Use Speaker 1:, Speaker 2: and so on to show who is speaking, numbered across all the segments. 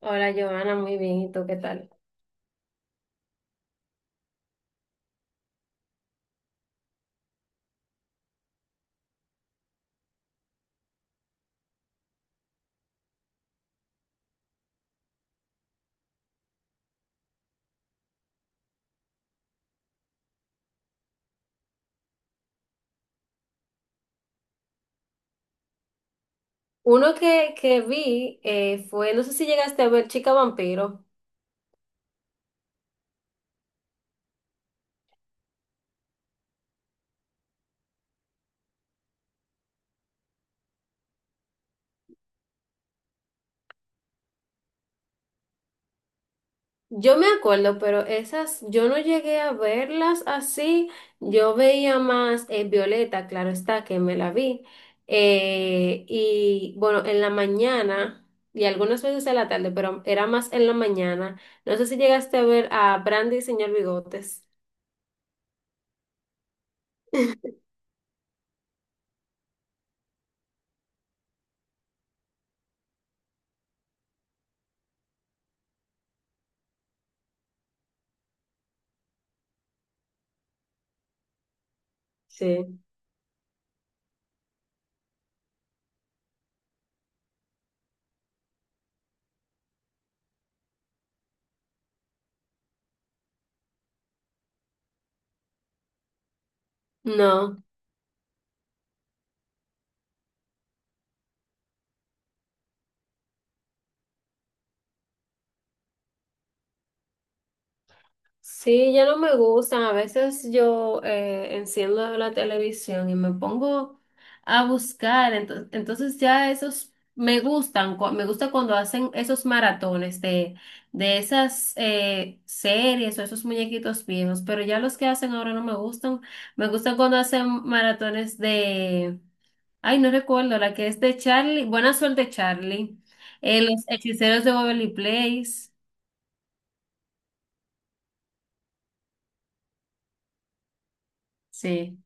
Speaker 1: Hola, Joana, muy bien. ¿Y tú qué tal? Uno que vi fue, no sé si llegaste a ver Chica Vampiro. Yo me acuerdo, pero esas yo no llegué a verlas así. Yo veía más Violeta, claro está, que me la vi. Y bueno, en la mañana y algunas veces en la tarde, pero era más en la mañana. No sé si llegaste a ver a Brandy y Señor Bigotes. Sí. No. Sí, ya no me gustan. A veces yo enciendo la televisión y me pongo a buscar. Entonces ya esos me gustan. Me gusta cuando hacen esos maratones de esas series o esos muñequitos viejos. Pero ya los que hacen ahora no me gustan. Me gustan cuando hacen maratones de Ay, no recuerdo, la que es de Charlie. Buena suerte, Charlie. Los hechiceros de Waverly Place. Sí.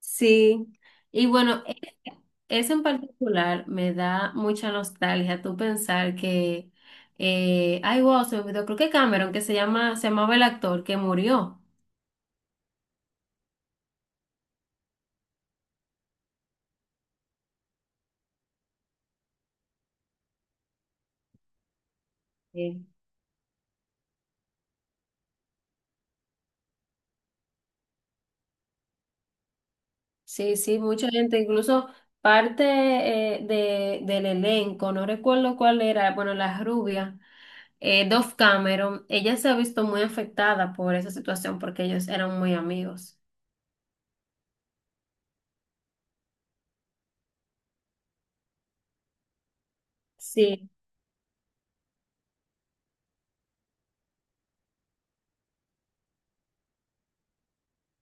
Speaker 1: Sí, y bueno. Eso en particular me da mucha nostalgia, tú pensar que ay, wow, se me olvidó, creo que Cameron, se llamaba el actor que murió. Sí, sí, sí, mucha gente, incluso parte de, del elenco, no recuerdo cuál era, bueno, la rubia, Dove Cameron, ella se ha visto muy afectada por esa situación porque ellos eran muy amigos. Sí.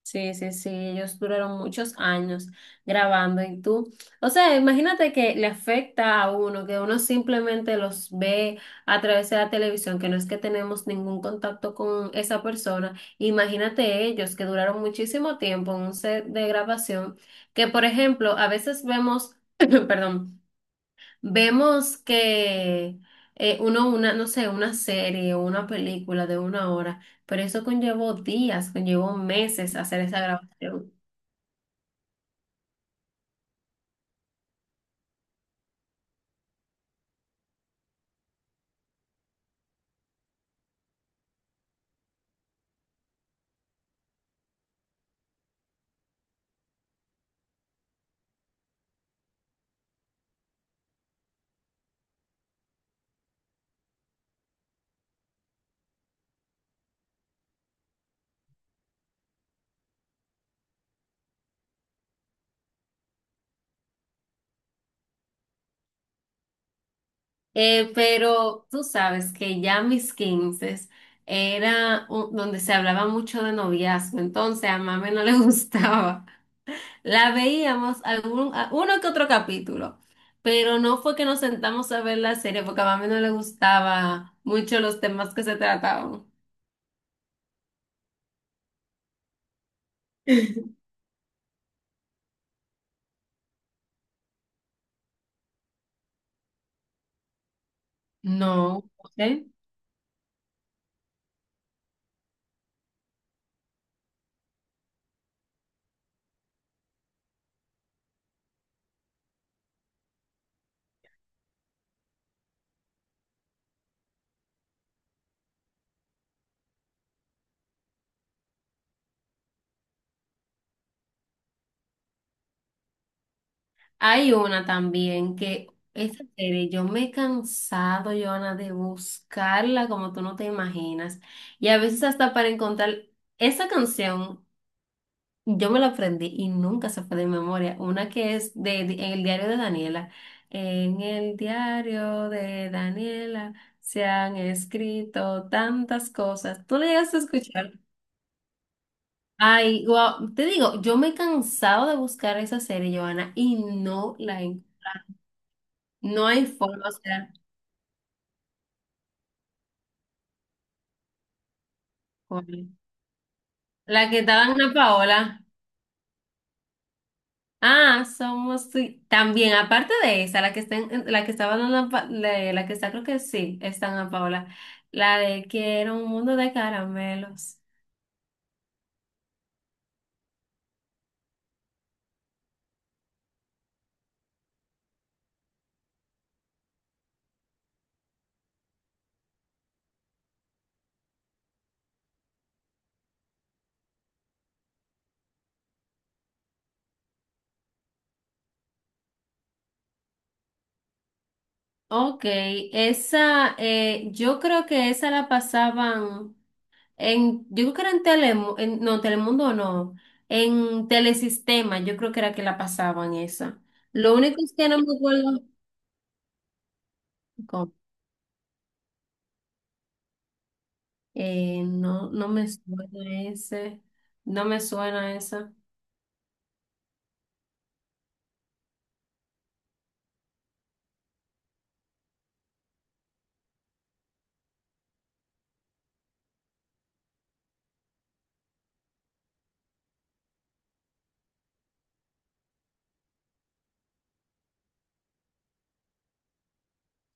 Speaker 1: Sí, sí, sí, ellos duraron muchos años grabando y tú, o sea, imagínate que le afecta a uno, que uno simplemente los ve a través de la televisión, que no es que tenemos ningún contacto con esa persona. Imagínate ellos que duraron muchísimo tiempo en un set de grabación, que por ejemplo, a veces vemos, perdón. Vemos que uno, una, no sé, una serie o una película de una hora, pero eso conllevó días, conllevó meses hacer esa grabación. Pero tú sabes que ya mis 15 era donde se hablaba mucho de noviazgo, entonces a mami no le gustaba. La veíamos uno que otro capítulo, pero no fue que nos sentamos a ver la serie porque a mami no le gustaba mucho los temas que se trataban. No, ok. Hay una también que esa serie, yo me he cansado, Joana, de buscarla como tú no te imaginas. Y a veces hasta para encontrar esa canción, yo me la aprendí y nunca se fue de memoria. Una que es en el diario de Daniela. En el diario de Daniela se han escrito tantas cosas. ¿Tú le llegaste a escuchar? Ay, wow, te digo, yo me he cansado de buscar esa serie, Joana, y no la he. No hay forma, o sea, joder. La que estaba en Ana Paola. Ah, somos sí. También, aparte de esa, la que estaba en la que está, creo que sí, está en Ana Paola. La de Quiero un mundo de caramelos. Ok, esa, yo creo que esa la pasaban en, yo creo que era en Telemundo no, en Telesistema, yo creo que era que la pasaban esa. Lo único es que no me acuerdo. ¿Cómo? No, no me suena ese. No me suena esa.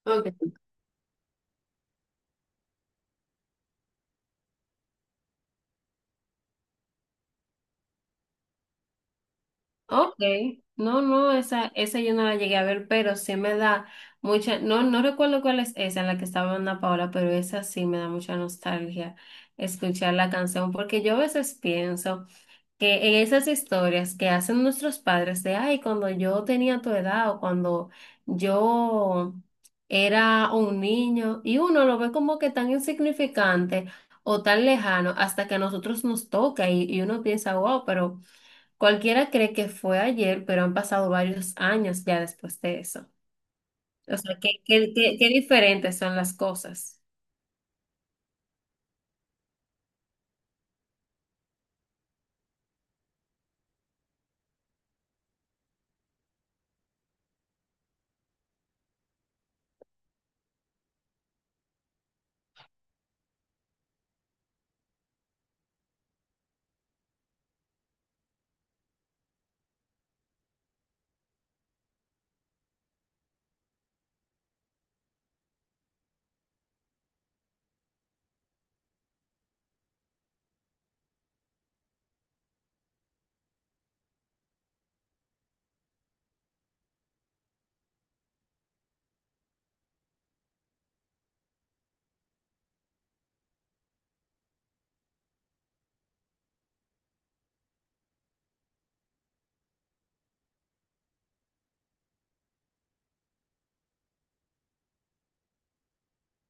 Speaker 1: Okay. Ok. No, no, esa yo no la llegué a ver, pero sí me da mucha. No, no recuerdo cuál es esa en la que estaba Ana Paola, pero esa sí me da mucha nostalgia escuchar la canción, porque yo a veces pienso que en esas historias que hacen nuestros padres de, ay, cuando yo tenía tu edad o cuando yo era un niño, y uno lo ve como que tan insignificante o tan lejano hasta que a nosotros nos toca y uno piensa, wow, pero cualquiera cree que fue ayer, pero han pasado varios años ya después de eso. O sea, qué diferentes son las cosas.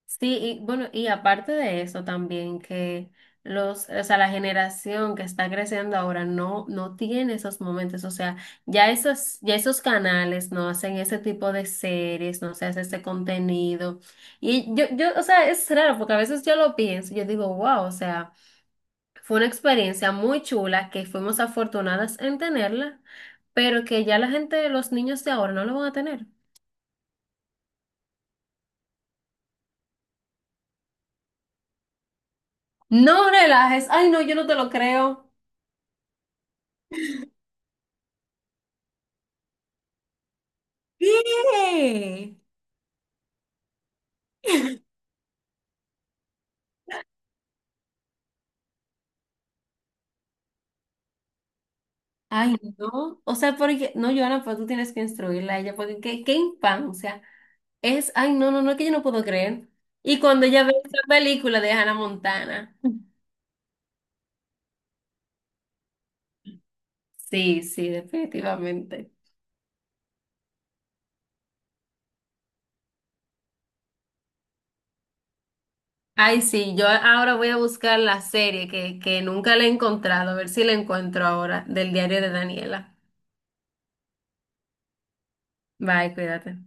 Speaker 1: Sí, y bueno, y aparte de eso también que los, o sea, la generación que está creciendo ahora no tiene esos momentos, o sea, ya esos canales no hacen ese tipo de series, no se hace ese contenido. Y yo, o sea, es raro porque a veces yo lo pienso, yo digo, wow, o sea, fue una experiencia muy chula que fuimos afortunadas en tenerla, pero que ya la gente, los niños de ahora no lo van a tener. No relajes, ay no, yo no te lo creo. ¿Qué? Ay, no. O sea, porque, no, Joana, pues tú tienes que instruirla a ella, porque qué infancia. Es, ay, no, no, no, es que yo no puedo creer. Y cuando ella ve esa película de Hannah Montana. Sí, sí, definitivamente. Ay, sí, yo ahora voy a buscar la serie que nunca la he encontrado, a ver si la encuentro ahora, del diario de Daniela. Bye, cuídate.